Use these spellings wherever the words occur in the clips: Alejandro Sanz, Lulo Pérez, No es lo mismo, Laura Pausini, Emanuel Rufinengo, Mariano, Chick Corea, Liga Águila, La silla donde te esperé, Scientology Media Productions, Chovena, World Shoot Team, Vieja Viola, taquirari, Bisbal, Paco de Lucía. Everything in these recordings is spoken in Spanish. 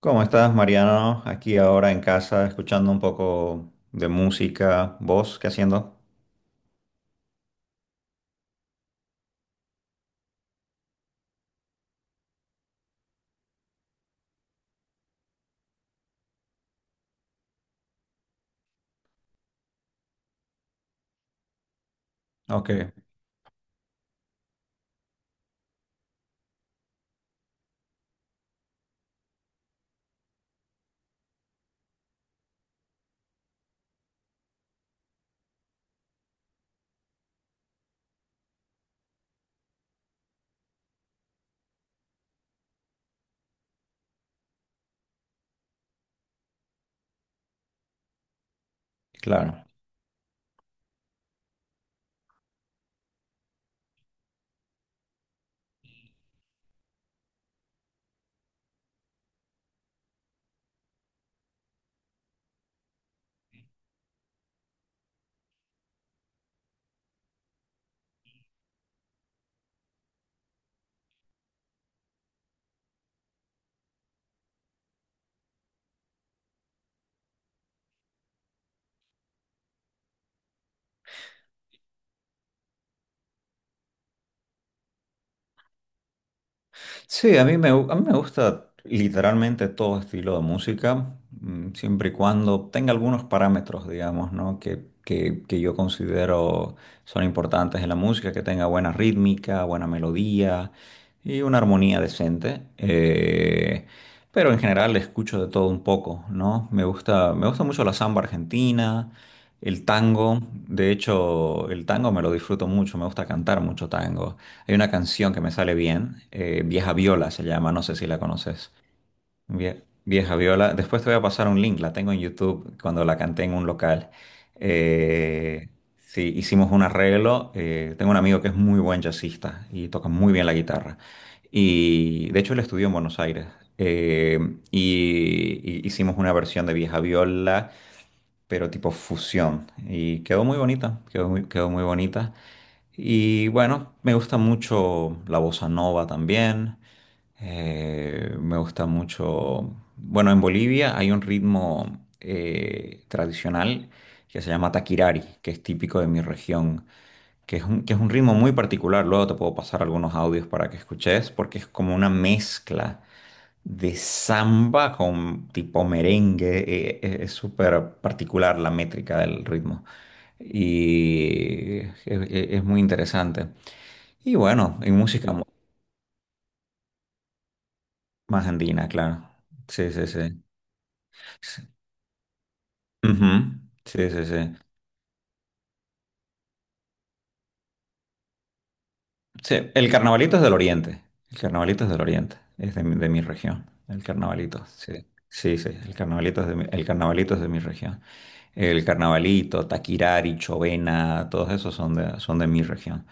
¿Cómo estás, Mariano? Aquí ahora en casa, escuchando un poco de música, voz, ¿qué haciendo? Ok, claro. Sí, a mí me, a mí me gusta literalmente todo estilo de música, siempre y cuando tenga algunos parámetros, digamos, ¿no? Que yo considero son importantes en la música, que tenga buena rítmica, buena melodía y una armonía decente. Pero en general escucho de todo un poco, ¿no? Me gusta mucho la samba argentina, el tango. De hecho, el tango me lo disfruto mucho, me gusta cantar mucho tango. Hay una canción que me sale bien, Vieja Viola se llama, no sé si la conoces. Vieja Viola, después te voy a pasar un link, la tengo en YouTube cuando la canté en un local. Eh, sí, hicimos un arreglo, tengo un amigo que es muy buen jazzista y toca muy bien la guitarra. Y de hecho él estudió en Buenos Aires. Eh, y hicimos una versión de Vieja Viola pero tipo fusión. Y quedó muy bonita, quedó muy bonita. Y bueno, me gusta mucho la bossa nova también. Me gusta mucho. Bueno, en Bolivia hay un ritmo tradicional que se llama taquirari, que es típico de mi región, que es un ritmo muy particular. Luego te puedo pasar algunos audios para que escuches, porque es como una mezcla de samba con tipo merengue. Es súper particular la métrica del ritmo y es muy interesante. Y bueno, y música sí. Más andina, claro. Sí, sí, sí. Sí, ujú. Sí, sí, sí. Sí, el carnavalito es del oriente. El carnavalito es del oriente. Es de mi región. El carnavalito, sí. Sí, sí, el carnavalito es de mi, el carnavalito es de mi región. El carnavalito, Taquirari, Chovena, todos esos son de mi región.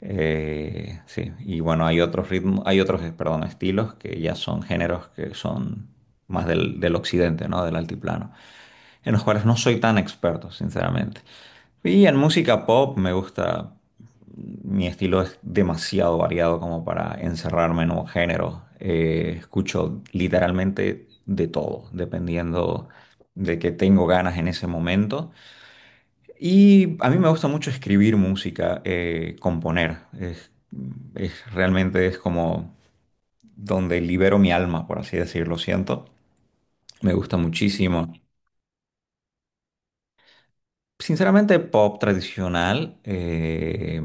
Sí, y bueno, hay otros ritmos, hay otros, perdón, estilos que ya son géneros que son más del, del occidente, ¿no? Del altiplano, en los cuales no soy tan experto, sinceramente. Y en música pop me gusta, mi estilo es demasiado variado como para encerrarme en un género. Escucho literalmente de todo, dependiendo de que tengo ganas en ese momento. Y a mí me gusta mucho escribir música, componer. Realmente es como donde libero mi alma, por así decirlo, siento. Me gusta muchísimo. Sinceramente, pop tradicional,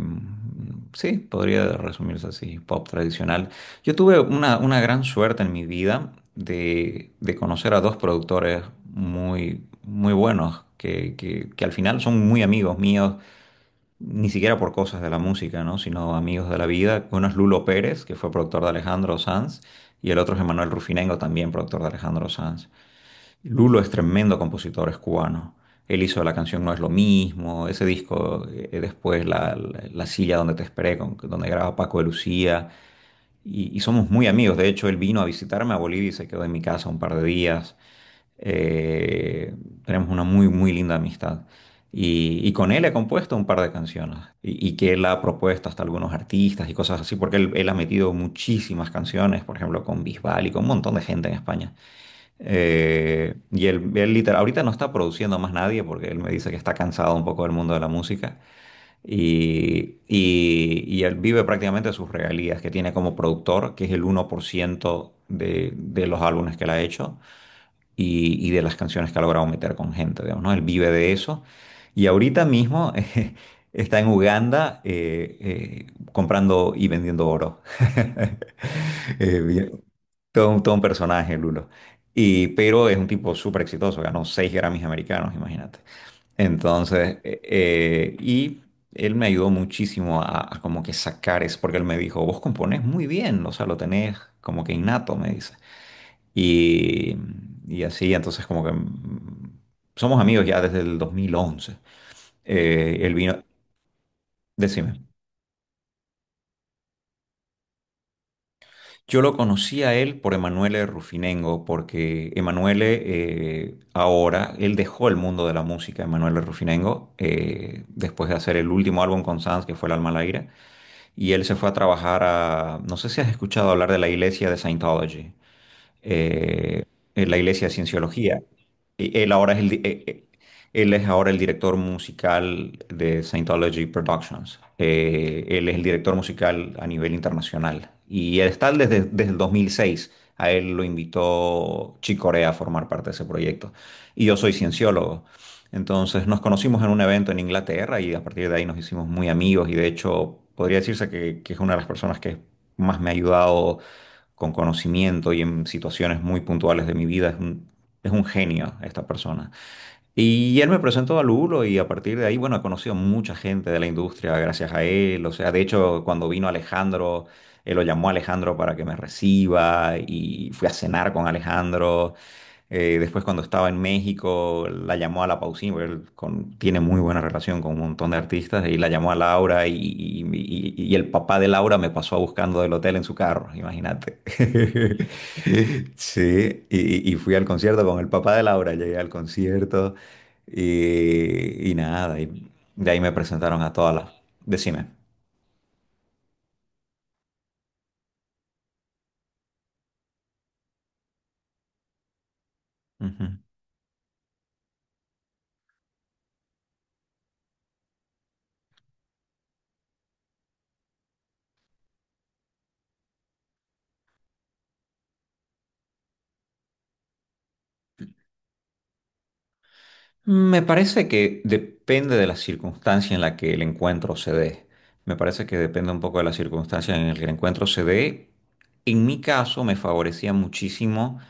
sí, podría resumirse así, pop tradicional. Yo tuve una gran suerte en mi vida de conocer a dos productores muy, muy buenos, que al final son muy amigos míos ni siquiera por cosas de la música, ¿no? Sino amigos de la vida. Uno es Lulo Pérez, que fue productor de Alejandro Sanz, y el otro es Emanuel Rufinengo, también productor de Alejandro Sanz. Lulo es tremendo compositor, es cubano. Él hizo la canción No es lo mismo, ese disco, después La silla donde te esperé, donde graba Paco de Lucía, y somos muy amigos. De hecho, él vino a visitarme a Bolivia y se quedó en mi casa un par de días. Eh, tenemos una muy, muy linda amistad. Y con él he compuesto un par de canciones y que él ha propuesto hasta algunos artistas y cosas así, porque él ha metido muchísimas canciones, por ejemplo, con Bisbal y con un montón de gente en España. Y él, él literal, ahorita no está produciendo más nadie porque él me dice que está cansado un poco del mundo de la música y él vive prácticamente sus regalías que tiene como productor, que es el 1% de los álbumes que él ha hecho y de las canciones que ha logrado meter con gente, digamos, ¿no? Él vive de eso. Y ahorita mismo está en Uganda comprando y vendiendo oro. Bien, todo un personaje, Lulo. Y, pero es un tipo súper exitoso, ganó 6 Grammys americanos, imagínate. Entonces, y él me ayudó muchísimo a como que sacar eso, porque él me dijo, vos componés muy bien, o sea, lo tenés como que innato, me dice. Y, y así, entonces como que somos amigos ya desde el 2011. Eh, él vino, decime. Yo lo conocí a él por Emanuele Rufinengo, porque Emanuele ahora, él dejó el mundo de la música, Emanuele Rufinengo, después de hacer el último álbum con Sanz, que fue El alma al aire, y él se fue a trabajar a, no sé si has escuchado hablar de la iglesia de Scientology. Eh, en la iglesia de Cienciología. Y él ahora es el, él es ahora el director musical de Scientology Productions. Él es el director musical a nivel internacional. Y él está desde, desde el 2006. A él lo invitó Chick Corea a formar parte de ese proyecto. Y yo soy cienciólogo. Entonces nos conocimos en un evento en Inglaterra y a partir de ahí nos hicimos muy amigos y de hecho podría decirse que es una de las personas que más me ha ayudado con conocimiento y en situaciones muy puntuales de mi vida. Es un genio esta persona. Y él me presentó a Lulo y a partir de ahí, bueno, he conocido mucha gente de la industria gracias a él. O sea, de hecho, cuando vino Alejandro, él lo llamó a Alejandro para que me reciba y fui a cenar con Alejandro. Después cuando estaba en México, la llamó a la Pausini, porque él tiene muy buena relación con un montón de artistas, y la llamó a Laura y el papá de Laura me pasó buscando del hotel en su carro, imagínate. Sí, y fui al concierto con el papá de Laura, llegué al concierto y nada, y de ahí me presentaron a todas las... Decime. Ujú. Me parece que depende de la circunstancia en la que el encuentro se dé. Me parece que depende un poco de la circunstancia en la que el encuentro se dé. En mi caso me favorecía muchísimo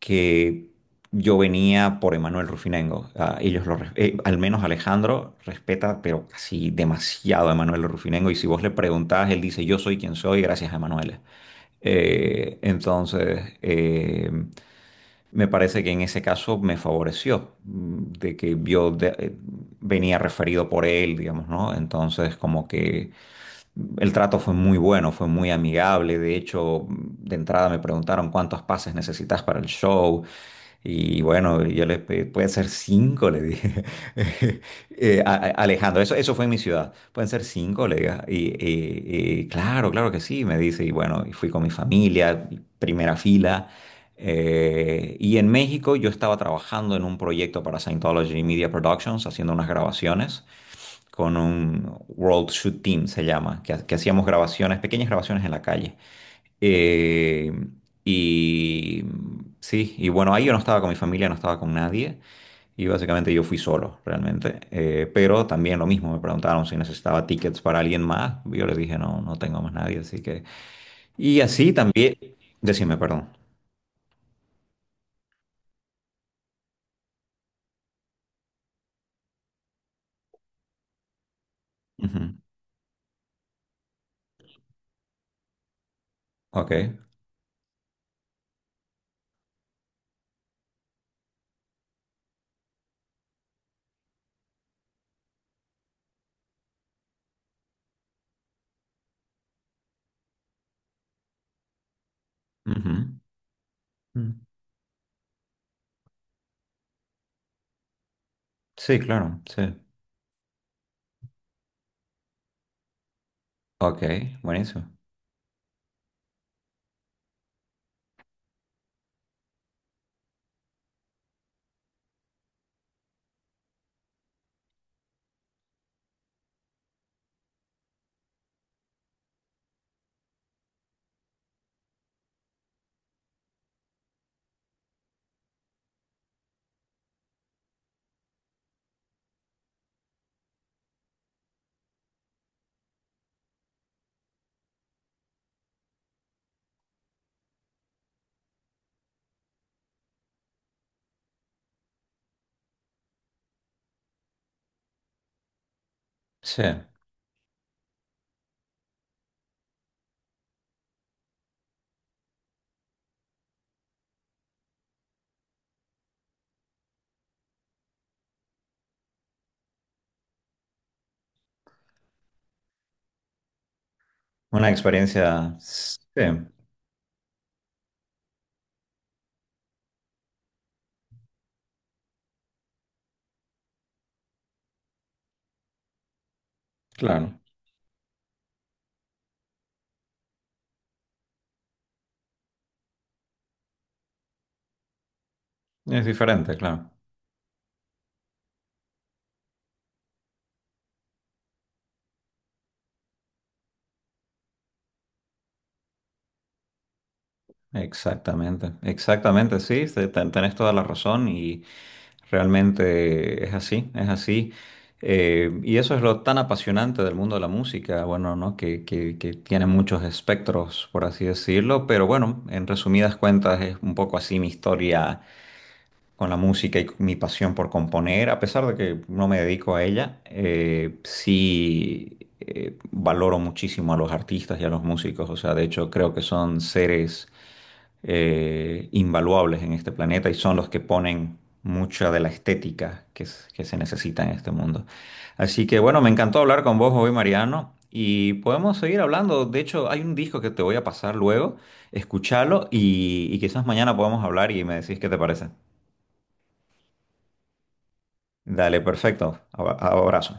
que yo venía por Emanuel Rufinengo. Ah, ellos lo, al menos Alejandro respeta, pero casi demasiado a Emanuel Rufinengo. Y si vos le preguntás, él dice, yo soy quien soy gracias a Emanuel. Entonces, me parece que en ese caso me favoreció, de que yo venía referido por él, digamos, ¿no? Entonces, como que el trato fue muy bueno, fue muy amigable. De hecho, de entrada me preguntaron cuántos pases necesitas para el show. Y bueno, yo le pedí, pueden ser cinco, le dije. Alejandro, eso fue en mi ciudad. Pueden ser cinco, le dije. Y claro, claro que sí, me dice. Y bueno, y fui con mi familia, primera fila. Y en México yo estaba trabajando en un proyecto para Scientology Media Productions, haciendo unas grabaciones con un World Shoot Team, se llama, que hacíamos grabaciones, pequeñas grabaciones en la calle. Eh, y sí, y bueno, ahí yo no estaba con mi familia, no estaba con nadie, y básicamente yo fui solo, realmente. Pero también lo mismo, me preguntaron si necesitaba tickets para alguien más, yo les dije, no, no tengo más nadie, así que... Y así también, decime, perdón. Ujú, ok. ujú, mm, Sí, claro, sí. Ok, buenísimo. Sí, una experiencia... Sí. Claro, es diferente, claro. Exactamente, exactamente, sí, tenés toda la razón y realmente es así, es así. Y eso es lo tan apasionante del mundo de la música, bueno, ¿no? Que tiene muchos espectros, por así decirlo, pero bueno, en resumidas cuentas es un poco así mi historia con la música y con mi pasión por componer, a pesar de que no me dedico a ella, sí, valoro muchísimo a los artistas y a los músicos. O sea, de hecho creo que son seres invaluables en este planeta y son los que ponen mucha de la estética que, que se necesita en este mundo. Así que bueno, me encantó hablar con vos hoy, Mariano. Y podemos seguir hablando. De hecho, hay un disco que te voy a pasar luego. Escuchalo y quizás mañana podemos hablar y me decís qué te parece. Dale, perfecto. Abrazo.